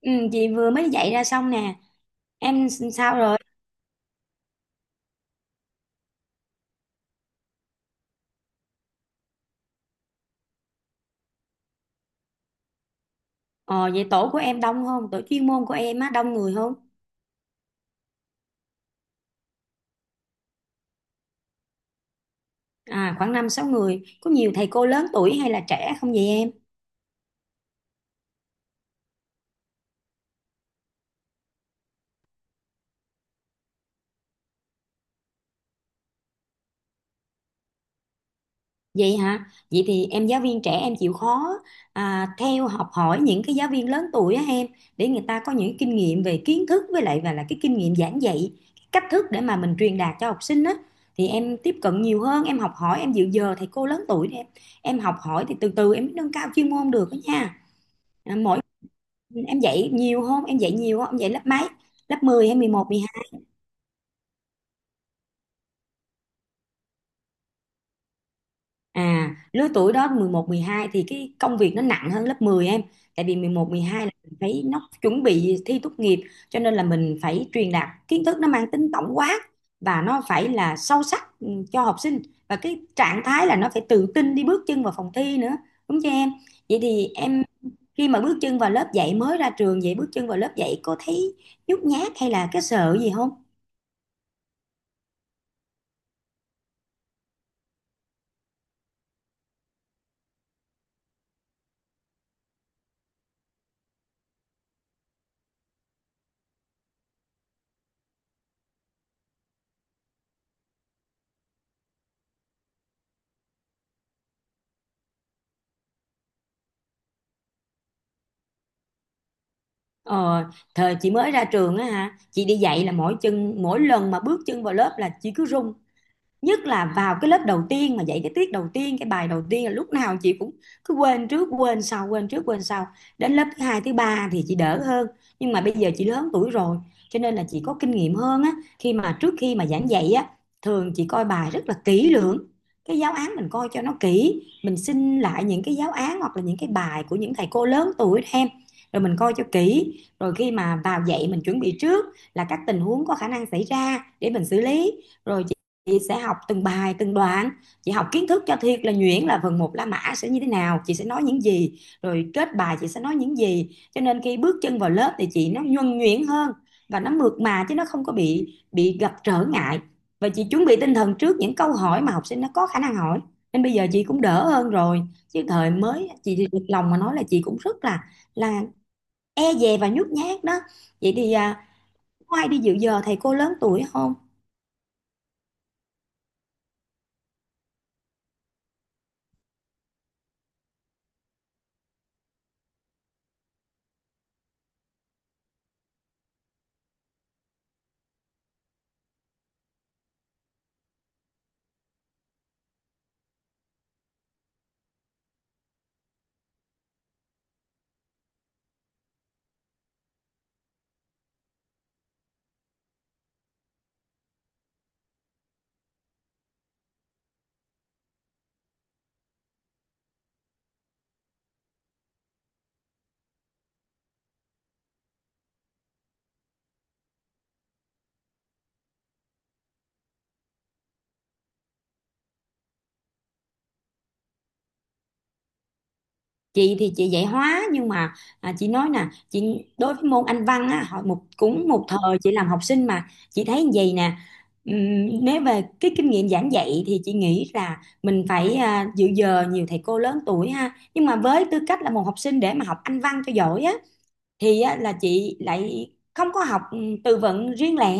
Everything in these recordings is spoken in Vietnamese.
Ừ, chị vừa mới dạy ra xong nè. Em sao rồi? Ờ, Vậy tổ của em đông không, tổ chuyên môn của em á, đông người không? À khoảng năm sáu người, có nhiều thầy cô lớn tuổi hay là trẻ không vậy em? Vậy hả? Vậy thì em giáo viên trẻ, em chịu khó theo học hỏi những cái giáo viên lớn tuổi á em, để người ta có những kinh nghiệm về kiến thức, với lại và là cái kinh nghiệm giảng dạy, cái cách thức để mà mình truyền đạt cho học sinh á. Thì em tiếp cận nhiều hơn, em học hỏi, em dự giờ thầy cô lớn tuổi để em học hỏi, thì từ từ em mới nâng cao chuyên môn được đó nha. À, mỗi Ừ, em dạy nhiều không? Em dạy nhiều không? Em dạy lớp mấy? Lớp 10 hay 11, 12? À, lứa tuổi đó 11, 12 thì cái công việc nó nặng hơn lớp 10 em. Tại vì 11, 12 là mình phải nó chuẩn bị thi tốt nghiệp, cho nên là mình phải truyền đạt kiến thức nó mang tính tổng quát và nó phải là sâu sắc, cho học sinh, và cái trạng thái là nó phải tự tin đi bước chân vào phòng thi nữa. Đúng chưa em? Vậy thì em, khi mà bước chân vào lớp dạy mới ra trường, vậy bước chân vào lớp dạy cô thấy nhút nhát hay là cái sợ gì không? Ờ, Thời chị mới ra trường á hả, chị đi dạy là mỗi lần mà bước chân vào lớp là chị cứ run, nhất là vào cái lớp đầu tiên mà dạy cái tiết đầu tiên, cái bài đầu tiên, là lúc nào chị cũng cứ quên trước quên sau, quên trước quên sau. Đến lớp thứ hai, thứ ba thì chị đỡ hơn, nhưng mà bây giờ chị lớn tuổi rồi, cho nên là chị có kinh nghiệm hơn á. Khi mà Trước khi mà giảng dạy á, thường chị coi bài rất là kỹ lưỡng. Cái giáo án mình coi cho nó kỹ, mình xin lại những cái giáo án hoặc là những cái bài của những thầy cô lớn tuổi em, rồi mình coi cho kỹ. Rồi khi mà vào dạy mình chuẩn bị trước là các tình huống có khả năng xảy ra để mình xử lý. Rồi chị sẽ học từng bài, từng đoạn, chị học kiến thức cho thiệt là nhuyễn, là phần một la mã sẽ như thế nào, chị sẽ nói những gì, rồi kết bài chị sẽ nói những gì. Cho nên khi bước chân vào lớp thì chị nó nhuần nhuyễn hơn và nó mượt mà, chứ nó không có bị gặp trở ngại. Và chị chuẩn bị tinh thần trước những câu hỏi mà học sinh nó có khả năng hỏi, nên bây giờ chị cũng đỡ hơn rồi, chứ thời mới chị thì thật lòng mà nói là chị cũng rất là e dè và nhút nhát đó. Vậy thì có ai đi dự giờ thầy cô lớn tuổi không? Chị thì chị dạy hóa, nhưng mà chị nói nè, chị đối với môn Anh văn á, hồi một cũng một thời chị làm học sinh mà chị thấy như vậy nè. Nếu về cái kinh nghiệm giảng dạy thì chị nghĩ là mình phải dự giờ nhiều thầy cô lớn tuổi ha, nhưng mà với tư cách là một học sinh để mà học Anh văn cho giỏi á, thì á, là chị lại không có học từ vựng riêng lẻ,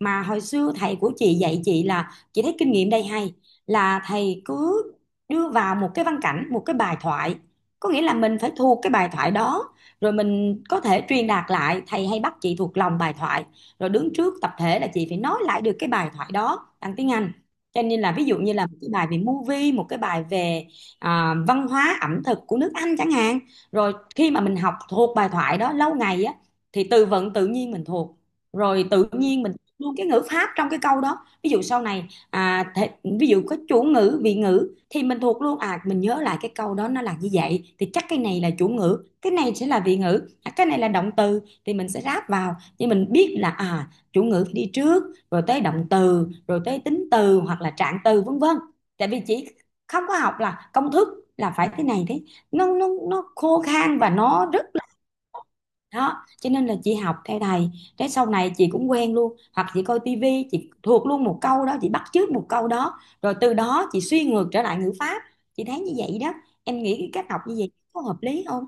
mà hồi xưa thầy của chị dạy chị là chị thấy kinh nghiệm đây hay, là thầy cứ đưa vào một cái văn cảnh, một cái bài thoại, có nghĩa là mình phải thuộc cái bài thoại đó, rồi mình có thể truyền đạt lại. Thầy hay bắt chị thuộc lòng bài thoại, rồi đứng trước tập thể là chị phải nói lại được cái bài thoại đó bằng tiếng Anh. Cho nên là ví dụ như là một cái bài về movie, một cái bài về văn hóa ẩm thực của nước Anh chẳng hạn. Rồi khi mà mình học thuộc bài thoại đó lâu ngày á, thì từ vựng tự nhiên mình thuộc, rồi tự nhiên mình luôn cái ngữ pháp trong cái câu đó. Ví dụ sau này ví dụ có chủ ngữ vị ngữ thì mình thuộc luôn, mình nhớ lại cái câu đó nó là như vậy, thì chắc cái này là chủ ngữ, cái này sẽ là vị ngữ, cái này là động từ thì mình sẽ ráp vào, nhưng mình biết là chủ ngữ phải đi trước, rồi tới động từ, rồi tới tính từ hoặc là trạng từ, vân vân. Tại vì chỉ không có học là công thức, là phải thế này thế, nó khô khan và nó rất là đó. Cho nên là chị học theo thầy, cái sau này chị cũng quen luôn, hoặc chị coi tivi chị thuộc luôn một câu đó, chị bắt chước một câu đó rồi từ đó chị suy ngược trở lại ngữ pháp. Chị thấy như vậy đó, em nghĩ cái cách học như vậy có hợp lý không?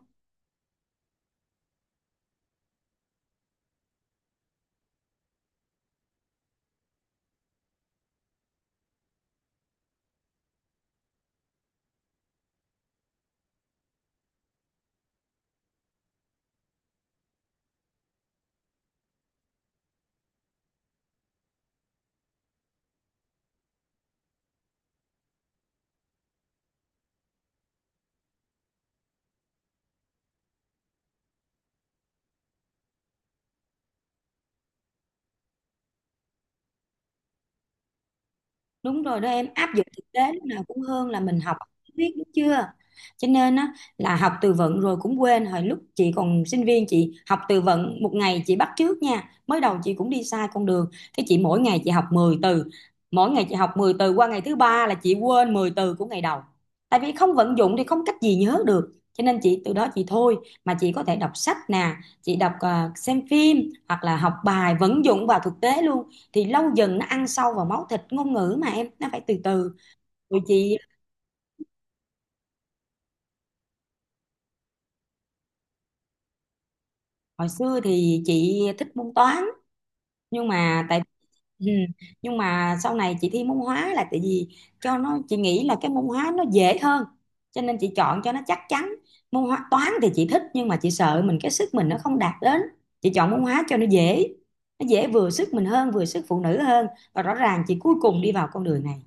Đúng rồi đó, em áp dụng thực tế lúc nào cũng hơn là mình học biết, đúng chưa? Cho nên á, là học từ vựng rồi cũng quên. Hồi lúc chị còn sinh viên chị học từ vựng một ngày, chị bắt chước nha, mới đầu chị cũng đi sai con đường. Cái chị mỗi ngày chị học 10 từ, mỗi ngày chị học 10 từ, qua ngày thứ ba là chị quên 10 từ của ngày đầu, tại vì không vận dụng thì không cách gì nhớ được, cho nên chị từ đó chị thôi. Mà chị có thể đọc sách nè, chị đọc, xem phim, hoặc là học bài vận dụng vào thực tế luôn, thì lâu dần nó ăn sâu vào máu thịt. Ngôn ngữ mà em, nó phải từ từ. Rồi chị hồi xưa thì chị thích môn toán, nhưng mà tại ừ, nhưng mà sau này chị thi môn hóa là tại vì cho nó, chị nghĩ là cái môn hóa nó dễ hơn, cho nên chị chọn cho nó chắc chắn. Môn hóa toán thì chị thích, nhưng mà chị sợ mình cái sức mình nó không đạt đến. Chị chọn môn hóa cho nó dễ, nó dễ vừa sức mình hơn, vừa sức phụ nữ hơn, và rõ ràng chị cuối cùng đi vào con đường này.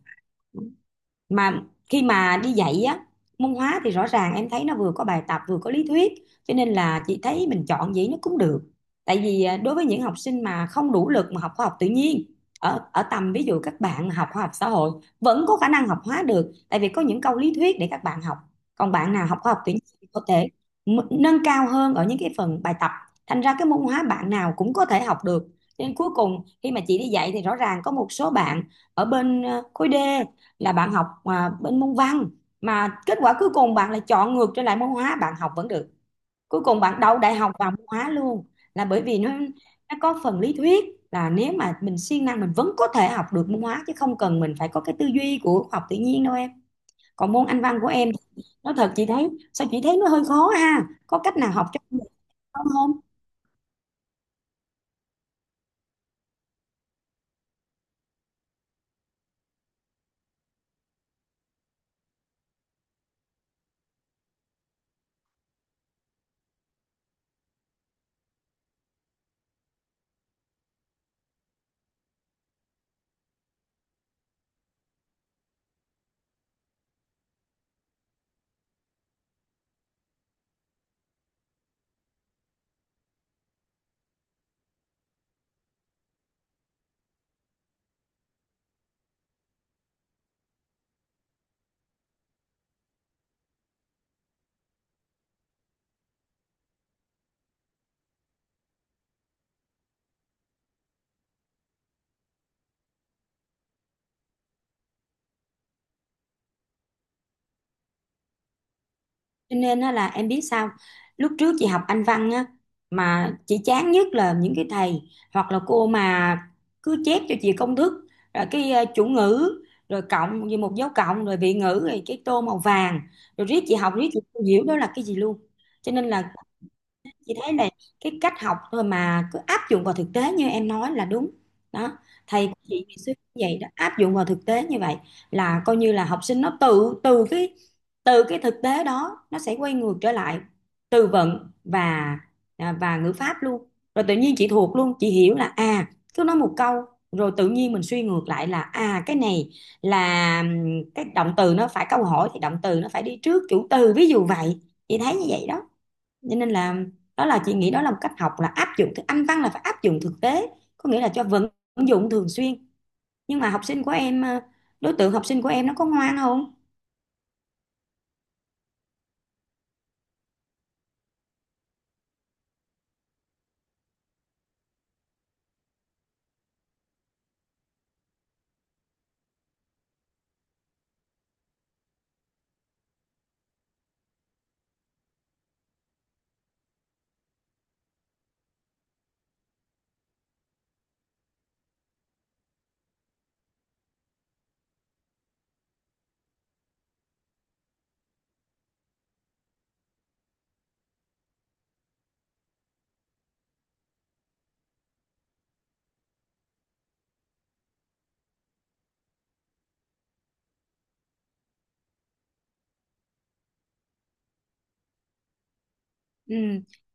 Mà khi mà đi dạy á, môn hóa thì rõ ràng em thấy nó vừa có bài tập vừa có lý thuyết, cho nên là chị thấy mình chọn vậy nó cũng được. Tại vì đối với những học sinh mà không đủ lực mà học khoa học tự nhiên, ở ở tầm ví dụ các bạn mà học khoa học xã hội, vẫn có khả năng học hóa được, tại vì có những câu lý thuyết để các bạn học. Còn bạn nào học khoa học tự nhiên thì có thể nâng cao hơn ở những cái phần bài tập. Thành ra cái môn hóa bạn nào cũng có thể học được. Cho nên cuối cùng khi mà chị đi dạy thì rõ ràng có một số bạn ở bên khối D, là bạn học bên môn văn, mà kết quả cuối cùng bạn lại chọn ngược trở lại môn hóa, bạn học vẫn được, cuối cùng bạn đậu đại học vào môn hóa luôn, là bởi vì nó có phần lý thuyết, là nếu mà mình siêng năng mình vẫn có thể học được môn hóa chứ không cần mình phải có cái tư duy của học tự nhiên đâu em. Còn môn Anh văn của em, nói thật chị thấy sao, chị thấy nó hơi khó ha, có cách nào học cho mình không? Không. Cho nên á là em biết sao, lúc trước chị học Anh văn á mà chị chán nhất là những cái thầy hoặc là cô mà cứ chép cho chị công thức, rồi cái chủ ngữ rồi cộng như một dấu cộng rồi vị ngữ, rồi cái tô màu vàng, rồi riết chị học riết chị không hiểu đó là cái gì luôn. Cho nên là chị thấy là cái cách học thôi mà cứ áp dụng vào thực tế như em nói là đúng đó. Thầy của chị ngày xưa cũng vậy đó, áp dụng vào thực tế như vậy, là coi như là học sinh nó tự, từ cái thực tế đó nó sẽ quay ngược trở lại từ vựng và và ngữ pháp luôn, rồi tự nhiên chị thuộc luôn. Chị hiểu là à, cứ nói một câu rồi tự nhiên mình suy ngược lại là à, cái này là cái động từ nó phải, câu hỏi thì động từ nó phải đi trước chủ từ, ví dụ vậy. Chị thấy như vậy đó, cho nên là đó là chị nghĩ đó là một cách học, là áp dụng thực Anh văn là phải áp dụng thực tế, có nghĩa là cho vận dụng thường xuyên. Nhưng mà học sinh của em đối tượng học sinh của em nó có ngoan không? Ừ.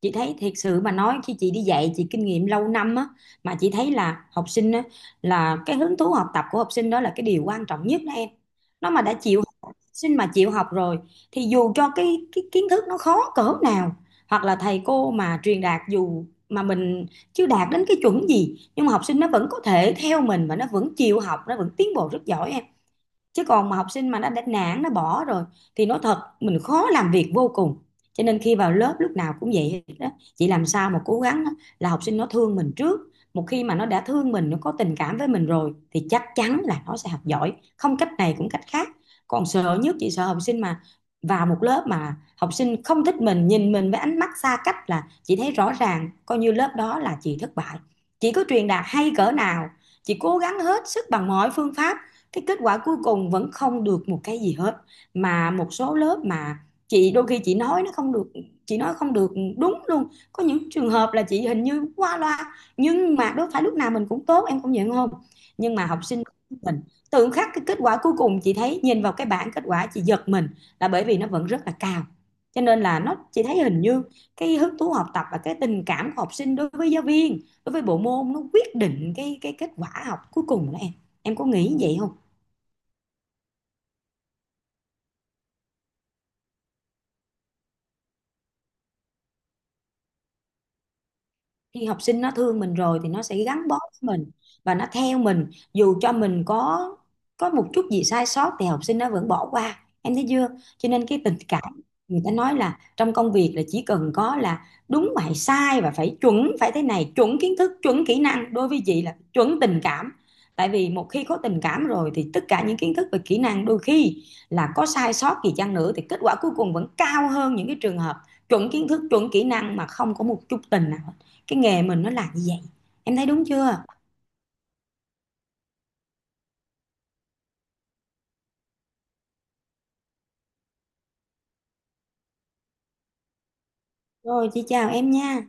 Chị thấy thiệt sự mà nói, khi chị đi dạy chị kinh nghiệm lâu năm á, mà chị thấy là học sinh á, là cái hứng thú học tập của học sinh đó là cái điều quan trọng nhất đó em. Nó mà đã chịu, học sinh mà chịu học rồi thì dù cho cái kiến thức nó khó cỡ nào, hoặc là thầy cô mà truyền đạt dù mà mình chưa đạt đến cái chuẩn gì, nhưng mà học sinh nó vẫn có thể theo mình và nó vẫn chịu học, nó vẫn tiến bộ rất giỏi em. Chứ còn mà học sinh mà nó đã nản nó bỏ rồi thì nói thật mình khó làm việc vô cùng. Cho nên khi vào lớp lúc nào cũng vậy đó, chị làm sao mà cố gắng là học sinh nó thương mình trước. Một khi mà nó đã thương mình, nó có tình cảm với mình rồi thì chắc chắn là nó sẽ học giỏi, không cách này cũng cách khác. Còn sợ nhất chị sợ học sinh mà vào một lớp mà học sinh không thích mình, nhìn mình với ánh mắt xa cách là chị thấy rõ ràng coi như lớp đó là chị thất bại. Chị có truyền đạt hay cỡ nào, chị cố gắng hết sức bằng mọi phương pháp, cái kết quả cuối cùng vẫn không được một cái gì hết. Mà một số lớp mà chị đôi khi chị nói nó không được, chị nói không được đúng luôn, có những trường hợp là chị hình như qua loa, nhưng mà đâu phải lúc nào mình cũng tốt, em công nhận không? Nhưng mà học sinh mình tự khắc cái kết quả cuối cùng, chị thấy nhìn vào cái bảng kết quả chị giật mình, là bởi vì nó vẫn rất là cao. Cho nên là nó chị thấy hình như cái hứng thú học tập và cái tình cảm của học sinh đối với giáo viên, đối với bộ môn, nó quyết định cái kết quả học cuối cùng đó em. Em có nghĩ vậy không? Khi học sinh nó thương mình rồi thì nó sẽ gắn bó với mình và nó theo mình, dù cho mình có một chút gì sai sót thì học sinh nó vẫn bỏ qua, em thấy chưa? Cho nên cái tình cảm, người ta nói là trong công việc là chỉ cần có là đúng và hay sai và phải chuẩn, phải thế này chuẩn kiến thức chuẩn kỹ năng, đối với chị là chuẩn tình cảm. Tại vì một khi có tình cảm rồi thì tất cả những kiến thức và kỹ năng đôi khi là có sai sót gì chăng nữa thì kết quả cuối cùng vẫn cao hơn những cái trường hợp chuẩn kiến thức chuẩn kỹ năng mà không có một chút tình nào. Cái nghề mình nó là như vậy, em thấy đúng chưa? Rồi chị chào em nha.